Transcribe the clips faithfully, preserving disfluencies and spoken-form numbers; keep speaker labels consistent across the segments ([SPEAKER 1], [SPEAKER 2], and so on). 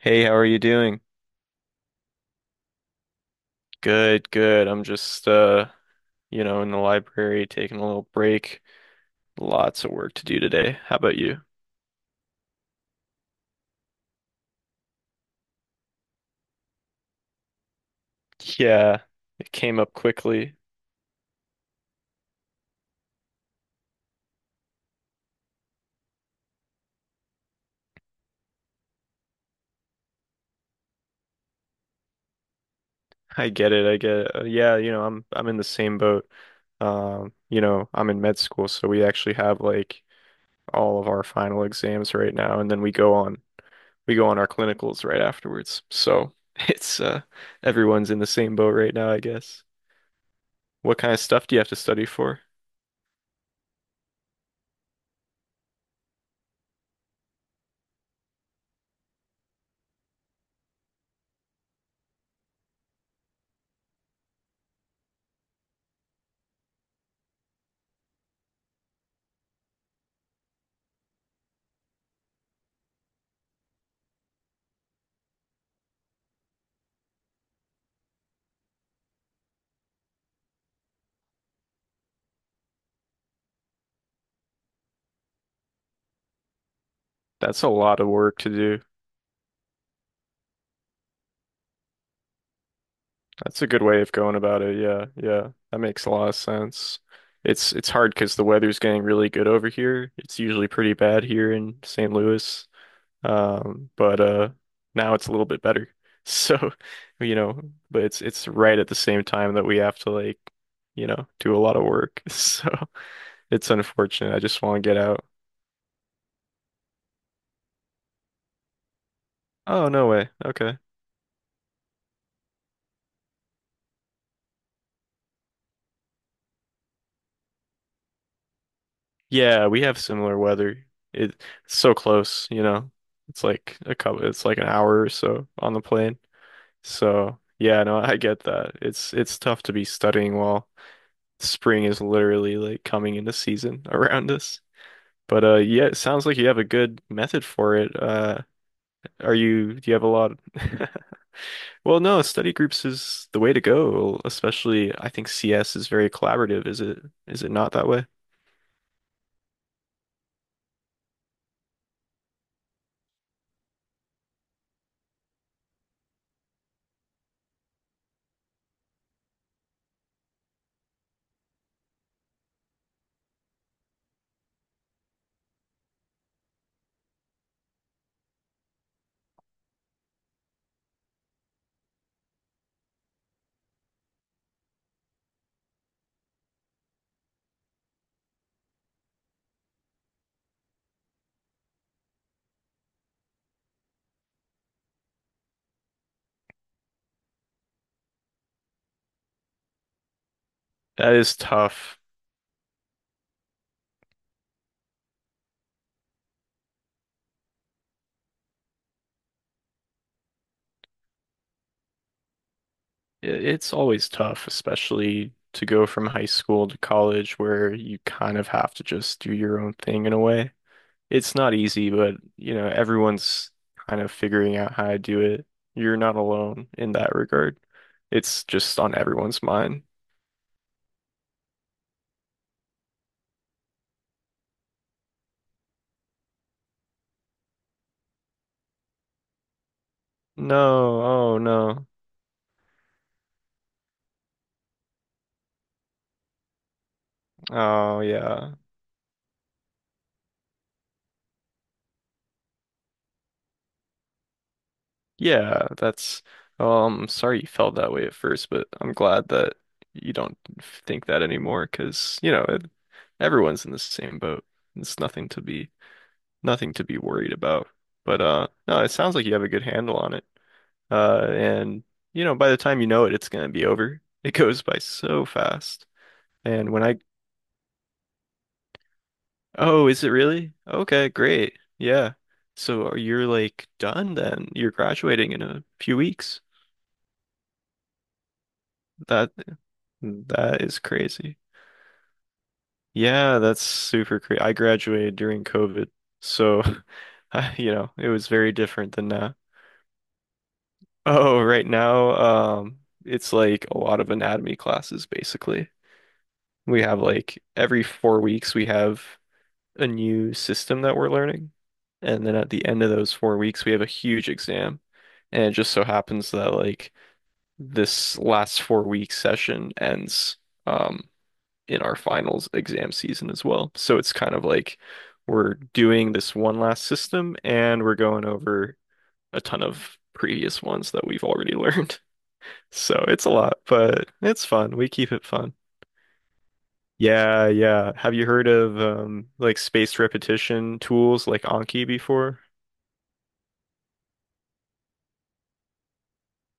[SPEAKER 1] Hey, how are you doing? Good, good. I'm just uh, you know, in the library taking a little break. Lots of work to do today. How about you? Yeah, it came up quickly. I get it. I get it. Uh, yeah, you know, I'm I'm in the same boat. Um, you know, I'm in med school, so we actually have like all of our final exams right now, and then we go on we go on our clinicals right afterwards. So it's uh everyone's in the same boat right now, I guess. What kind of stuff do you have to study for? That's a lot of work to do. That's a good way of going about it. Yeah, yeah. That makes a lot of sense. It's it's hard because the weather's getting really good over here. It's usually pretty bad here in saint Louis. Um, but uh Now it's a little bit better. So, you know, but it's it's right at the same time that we have to like, you know, do a lot of work. So, it's unfortunate. I just want to get out. Oh, no way. Okay. Yeah, we have similar weather. It- It's so close, you know. It's like a couple, it's like an hour or so on the plane. So, yeah, no, I get that. It's it's tough to be studying while spring is literally like coming into season around us. But uh yeah, it sounds like you have a good method for it. Uh are you do you have a lot Well, no, study groups is the way to go, especially I think C S is very collaborative. Is it is it not that way? That is tough. I- It's always tough, especially to go from high school to college where you kind of have to just do your own thing in a way. It's not easy, but you know, everyone's kind of figuring out how to do it. You're not alone in that regard. It's just on everyone's mind. No, oh no. Oh yeah. Yeah, that's um Sorry you felt that way at first, but I'm glad that you don't think that anymore. Cause you know, it, everyone's in the same boat. It's nothing to be nothing to be worried about. But uh no, it sounds like you have a good handle on it. Uh and You know, by the time you know it, it's gonna be over. It goes by so fast. And when I Oh, is it really? Okay, great. Yeah. So you're like done then. You're graduating in a few weeks. That that is crazy. Yeah, that's super crazy. I graduated during COVID, so I, you know, it was very different than now. Oh, right now, um, it's like a lot of anatomy classes basically. We have like every four weeks we have a new system that we're learning, and then at the end of those four weeks we have a huge exam, and it just so happens that like this last four week session ends. Um, in our finals exam season as well. So it's kind of like we're doing this one last system and we're going over a ton of previous ones that we've already learned. So it's a lot, but it's fun. We keep it fun. Yeah, yeah. Have you heard of um like spaced repetition tools like Anki before?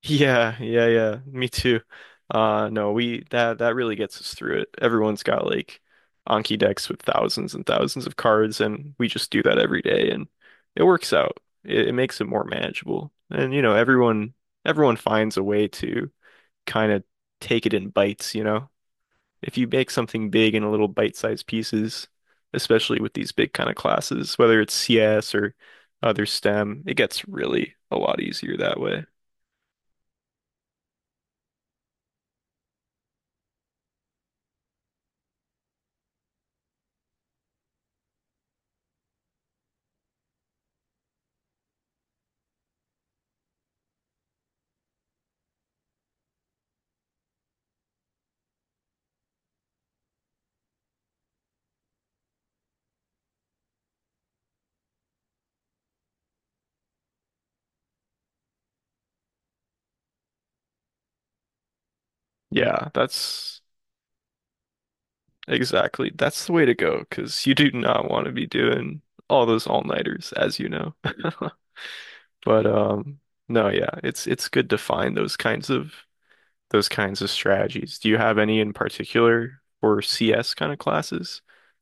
[SPEAKER 1] Yeah, yeah, yeah. Me too. Uh no, we that that really gets us through it. Everyone's got like Anki decks with thousands and thousands of cards, and we just do that every day, and it works out. It, it makes it more manageable. And you know, everyone everyone finds a way to kind of take it in bites, you know. If you make something big in a little bite-sized pieces, especially with these big kind of classes, whether it's C S or other STEM, it gets really a lot easier that way. Yeah, that's Exactly. That's the way to go because you do not want to be doing all those all-nighters, as you know. But um no, yeah, it's it's good to find those kinds of those kinds of strategies. Do you have any in particular for C S kind of classes?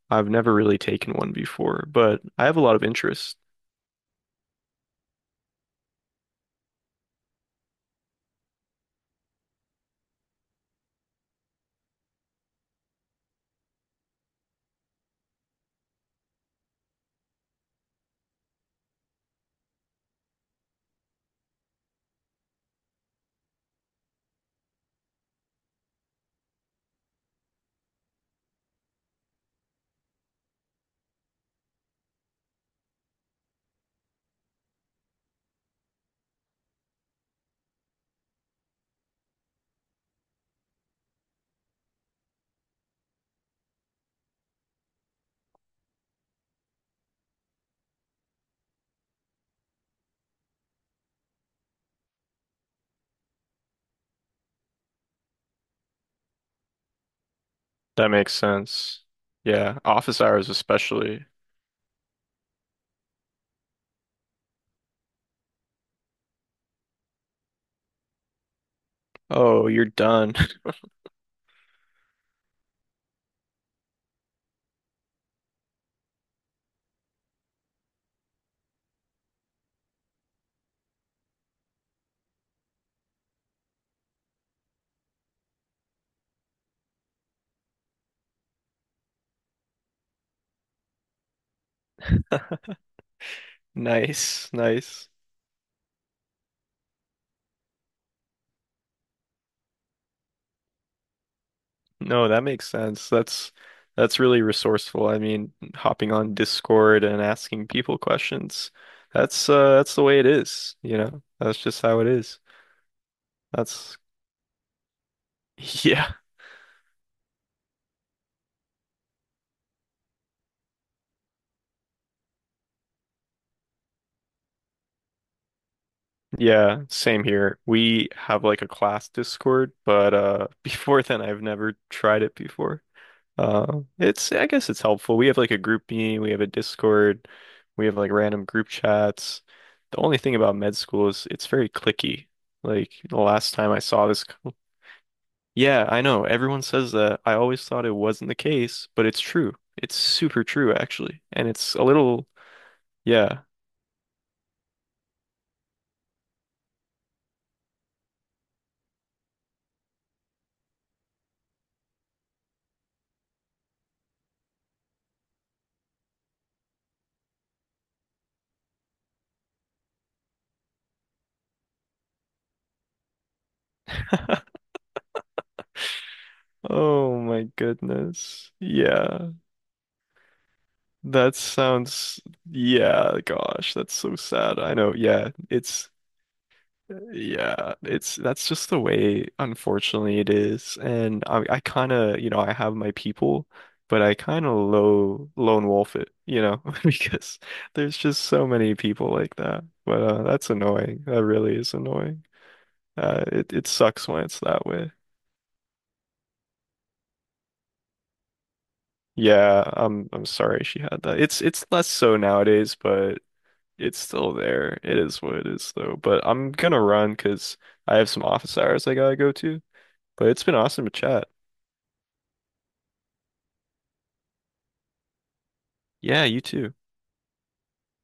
[SPEAKER 1] I've never really taken one before, but I have a lot of interest. That makes sense. Yeah, office hours especially. Oh, you're done. Nice, nice. No, that makes sense. That's that's really resourceful. I mean, hopping on Discord and asking people questions. That's uh that's the way it is, you know. That's just how it is. That's yeah. Yeah, same here. We have like a class Discord, but uh before then I've never tried it before. Uh, it's I guess it's helpful. We have like a group meeting, we have a Discord, we have like random group chats. The only thing about med school is it's very clicky. Like the last time I saw this, co- Yeah, I know everyone says that. I always thought it wasn't the case, but it's true. It's super true actually, and it's a little yeah. Oh my goodness. Yeah. That sounds, yeah, gosh, that's so sad. I know. Yeah, it's Yeah, it's that's just the way, unfortunately, it is. And I, I kind of, you know, I have my people, but I kind of low lone wolf it, you know, because there's just so many people like that. But uh, that's annoying. That really is annoying. Uh, it it sucks when it's that way. Yeah, I'm I'm sorry she had that. It's it's less so nowadays, but it's still there. It is what it is, though. But I'm gonna run because I have some office hours I gotta go to. But it's been awesome to chat. Yeah, you too.